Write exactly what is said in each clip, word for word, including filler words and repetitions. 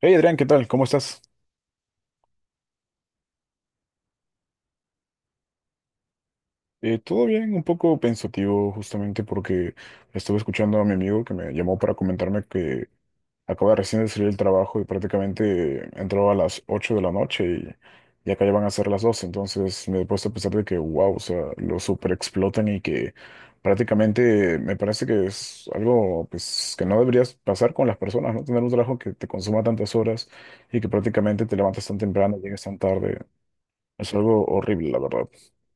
Hey Adrián, ¿qué tal? ¿Cómo estás? Eh, todo bien, un poco pensativo justamente porque estuve escuchando a mi amigo que me llamó para comentarme que acaba recién de salir del trabajo y prácticamente entró a las ocho de la noche y, y acá ya van a ser las doce. Entonces me he puesto a pensar de que, wow, o sea, lo super explotan y que prácticamente me parece que es algo, pues, que no deberías pasar con las personas, ¿no? Tener un trabajo que te consuma tantas horas y que prácticamente te levantas tan temprano, llegues tan tarde. Es algo horrible, la verdad.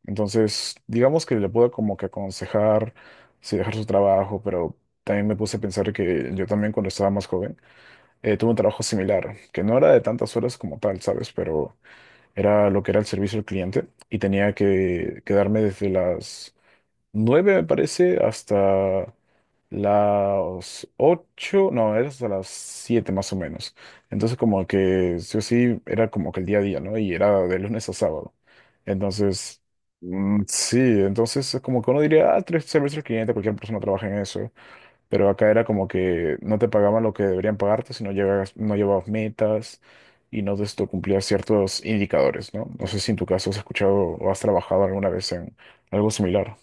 Entonces, digamos que le puedo como que aconsejar si dejar su trabajo, pero también me puse a pensar que yo también cuando estaba más joven eh, tuve un trabajo similar, que no era de tantas horas como tal, ¿sabes? Pero era lo que era el servicio al cliente y tenía que quedarme desde las nueve, me parece, hasta las ocho, no, era hasta las siete más o menos. Entonces como que sí o sí era como que el día a día, ¿no? Y era de lunes a sábado. Entonces, mm, sí, entonces es como que uno diría, ah, tres servicios al cliente, cualquier persona trabaja en eso. Pero acá era como que no te pagaban lo que deberían pagarte si no llegas, no llevabas metas y no esto cumplías ciertos indicadores, ¿no? No sé si en tu caso has escuchado o has trabajado alguna vez en algo similar.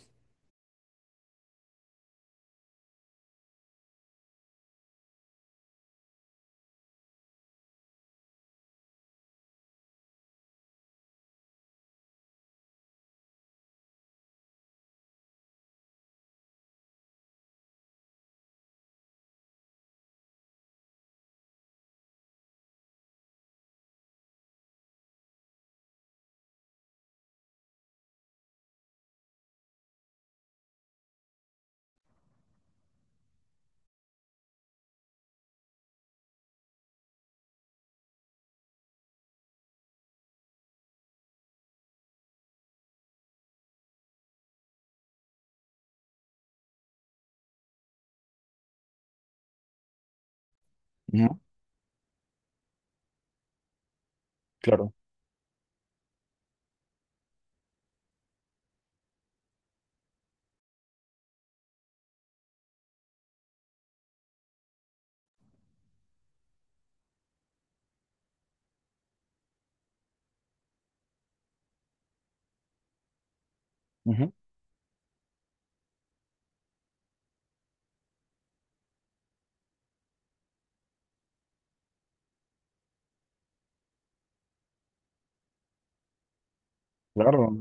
Claro. Ujú. Claro,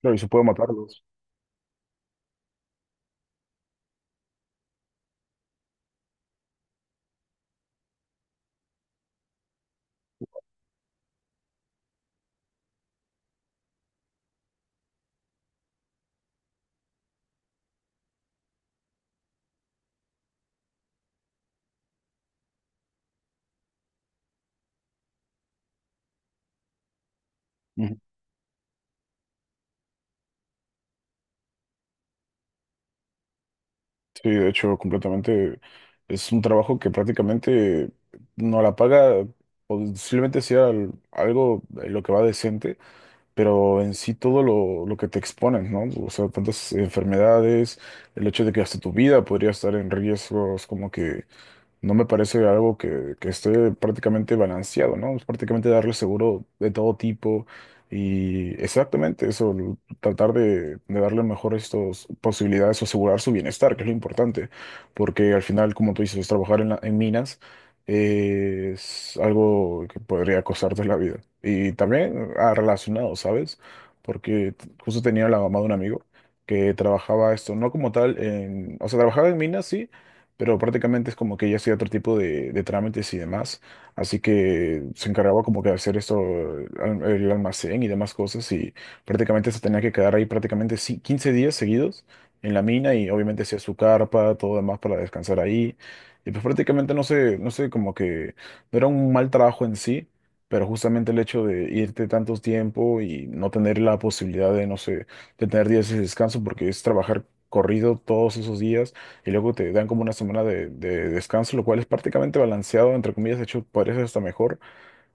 claro, y se puede matarlos. Ujú. Sí, de hecho, completamente es un trabajo que prácticamente no la paga, posiblemente sea al- algo en lo que va decente, pero en sí todo lo, lo que te exponen, ¿no? O sea, tantas enfermedades, el hecho de que hasta tu vida podría estar en riesgos, como que no me parece algo que, que, esté prácticamente balanceado, ¿no? Es prácticamente darle seguro de todo tipo y exactamente eso, l- tratar de, de darle mejor estas posibilidades o asegurar su bienestar, que es lo importante, porque al final, como tú dices, trabajar en, la- en minas eh, es algo que podría costarte la vida. Y también, ah, relacionado, ¿sabes? Porque t- justo tenía la mamá de un amigo que trabajaba esto, no como tal, en, o sea, trabajaba en minas, sí, pero prácticamente es como que ella hacía otro tipo de, de trámites y demás, así que se encargaba como que de hacer esto, al- el almacén y demás cosas, y prácticamente se tenía que quedar ahí prácticamente ci- quince días seguidos en la mina, y obviamente hacía su carpa, todo demás para descansar ahí, y pues prácticamente, no sé, no sé, como que no era un mal trabajo en sí. Pero justamente el hecho de irte tanto tiempo y no tener la posibilidad de, no sé, de tener días de descanso, porque es trabajar corrido todos esos días y luego te dan como una semana de, de descanso, lo cual es prácticamente balanceado, entre comillas; de hecho, parece hasta mejor.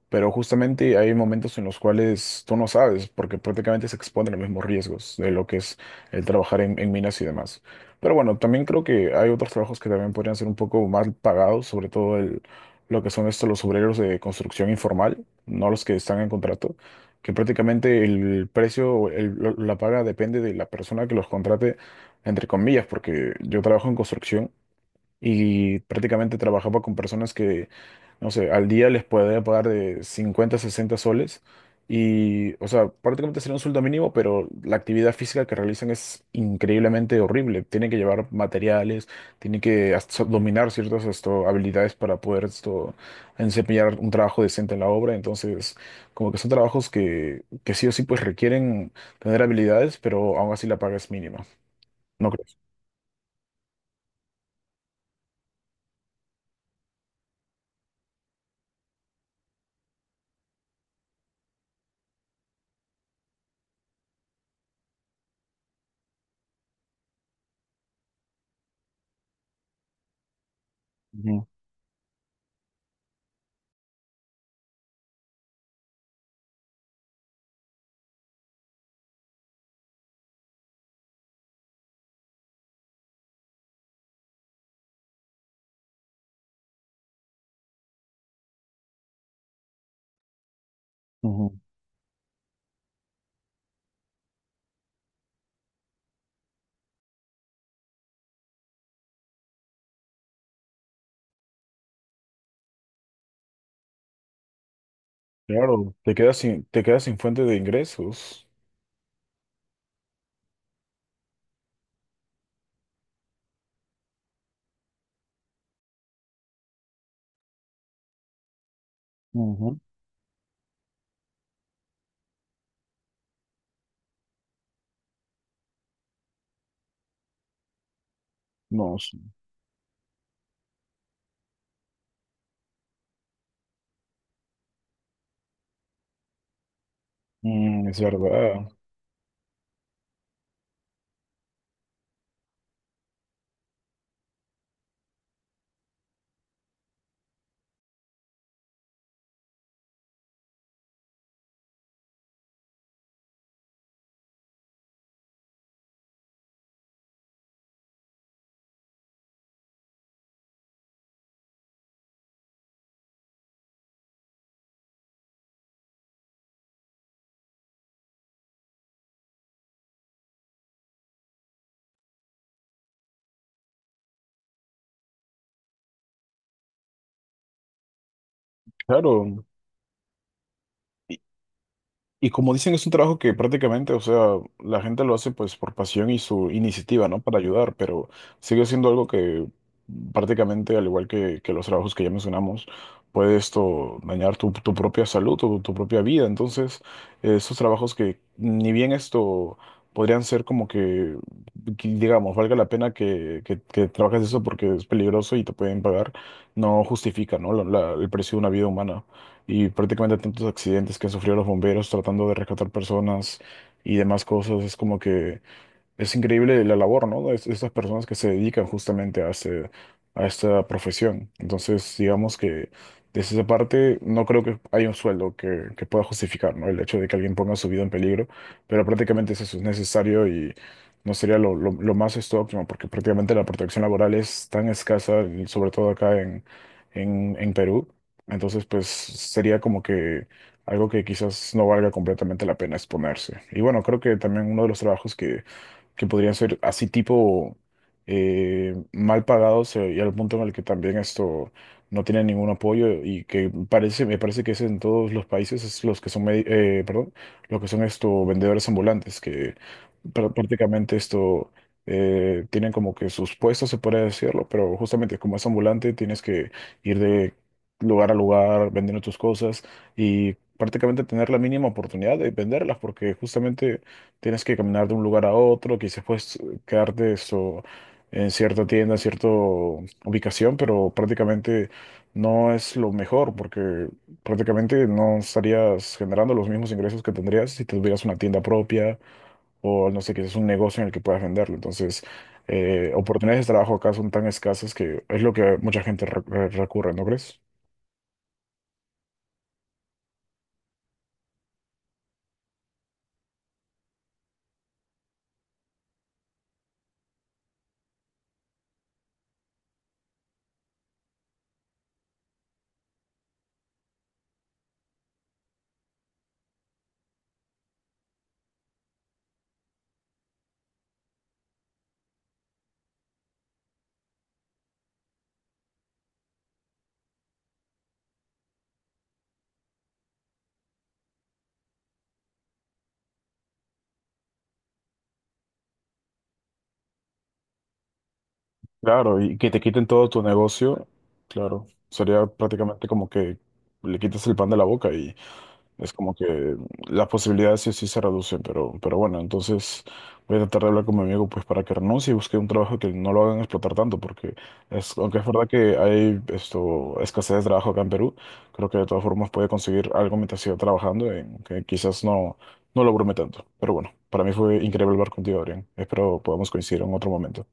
Pero justamente hay momentos en los cuales tú no sabes, porque prácticamente se exponen a los mismos riesgos de lo que es el trabajar en, en minas y demás. Pero bueno, también creo que hay otros trabajos que también podrían ser un poco más pagados, sobre todo el, lo que son estos los obreros de construcción informal, no los que están en contrato, que prácticamente el precio, o el- lo- la paga, depende de la persona que los contrate, entre comillas, porque yo trabajo en construcción y prácticamente trabajaba con personas que, no sé, al día les podía pagar de cincuenta, sesenta soles, y, o sea, prácticamente sería un sueldo mínimo, pero la actividad física que realizan es increíblemente horrible. Tienen que llevar materiales, tienen que hasta so, dominar ciertas, esto, habilidades para poder, esto, desempeñar un trabajo decente en la obra. Entonces, como que son trabajos que, que, sí o sí pues requieren tener habilidades, pero aún así la paga es mínima. ¿No crees? Ujú, ujú. Claro, te quedas sin, te quedas sin fuente de ingresos. Ujú. No, sí. Mm, es verdad. Claro. Y como dicen, es un trabajo que prácticamente, o sea, la gente lo hace pues por pasión y su iniciativa, ¿no? Para ayudar, pero sigue siendo algo que prácticamente, al igual que, que, los trabajos que ya mencionamos, puede, esto, dañar tu, tu propia salud o tu propia vida. Entonces, eh, esos trabajos, que ni bien esto podrían ser como que, que, digamos, valga la pena que, que, que trabajes eso porque es peligroso y te pueden pagar, no justifica, ¿no? La- la- el precio de una vida humana, y prácticamente tantos accidentes que han sufrido los bomberos tratando de rescatar personas y demás cosas, es como que es increíble la labor, ¿no? Es- estas personas que se dedican justamente a, este- a esta profesión. Entonces, digamos que desde esa parte no creo que haya un sueldo que, que, pueda justificar, ¿no? El hecho de que alguien ponga su vida en peligro, pero prácticamente es, eso es necesario, y no sería lo, lo- lo más, esto, óptimo, porque prácticamente la protección laboral es tan escasa, y sobre todo acá en, en, en Perú. Entonces, pues sería como que algo que quizás no valga completamente la pena exponerse. Y bueno, creo que también uno de los trabajos que que podrían ser así tipo, eh, mal pagados, eh, y al punto en el que también esto no tiene ningún apoyo, y que parece, me parece que es en todos los países, es los que son, medi- eh, perdón, los que son, esto, vendedores ambulantes, que prá- prácticamente, esto, eh, tienen como que sus puestos, se puede decirlo, pero justamente, como es ambulante, tienes que ir de lugar a lugar vendiendo tus cosas y prácticamente tener la mínima oportunidad de venderlas, porque justamente tienes que caminar de un lugar a otro, quizás puedes, eh, quedarte, eso, en cierta tienda, cierta ubicación, pero prácticamente no es lo mejor porque prácticamente no estarías generando los mismos ingresos que tendrías si tuvieras una tienda propia o, no sé, quizás un negocio en el que puedas venderlo. Entonces, eh, oportunidades de trabajo acá son tan escasas que es lo que mucha gente re- re- recurre, ¿no crees? Claro, y que te quiten todo tu negocio, claro, sería prácticamente como que le quitas el pan de la boca y es como que las posibilidades sí, sí se reducen, pero, pero, bueno, entonces voy a tratar de hablar con mi amigo pues para que renuncie y busque un trabajo que no lo hagan explotar tanto, porque es, aunque es verdad que hay, esto, escasez de trabajo acá en Perú, creo que de todas formas puede conseguir algo mientras siga trabajando, en que quizás no, no lo brome tanto. Pero bueno, para mí fue increíble hablar contigo, Adrián. Espero podamos coincidir en otro momento.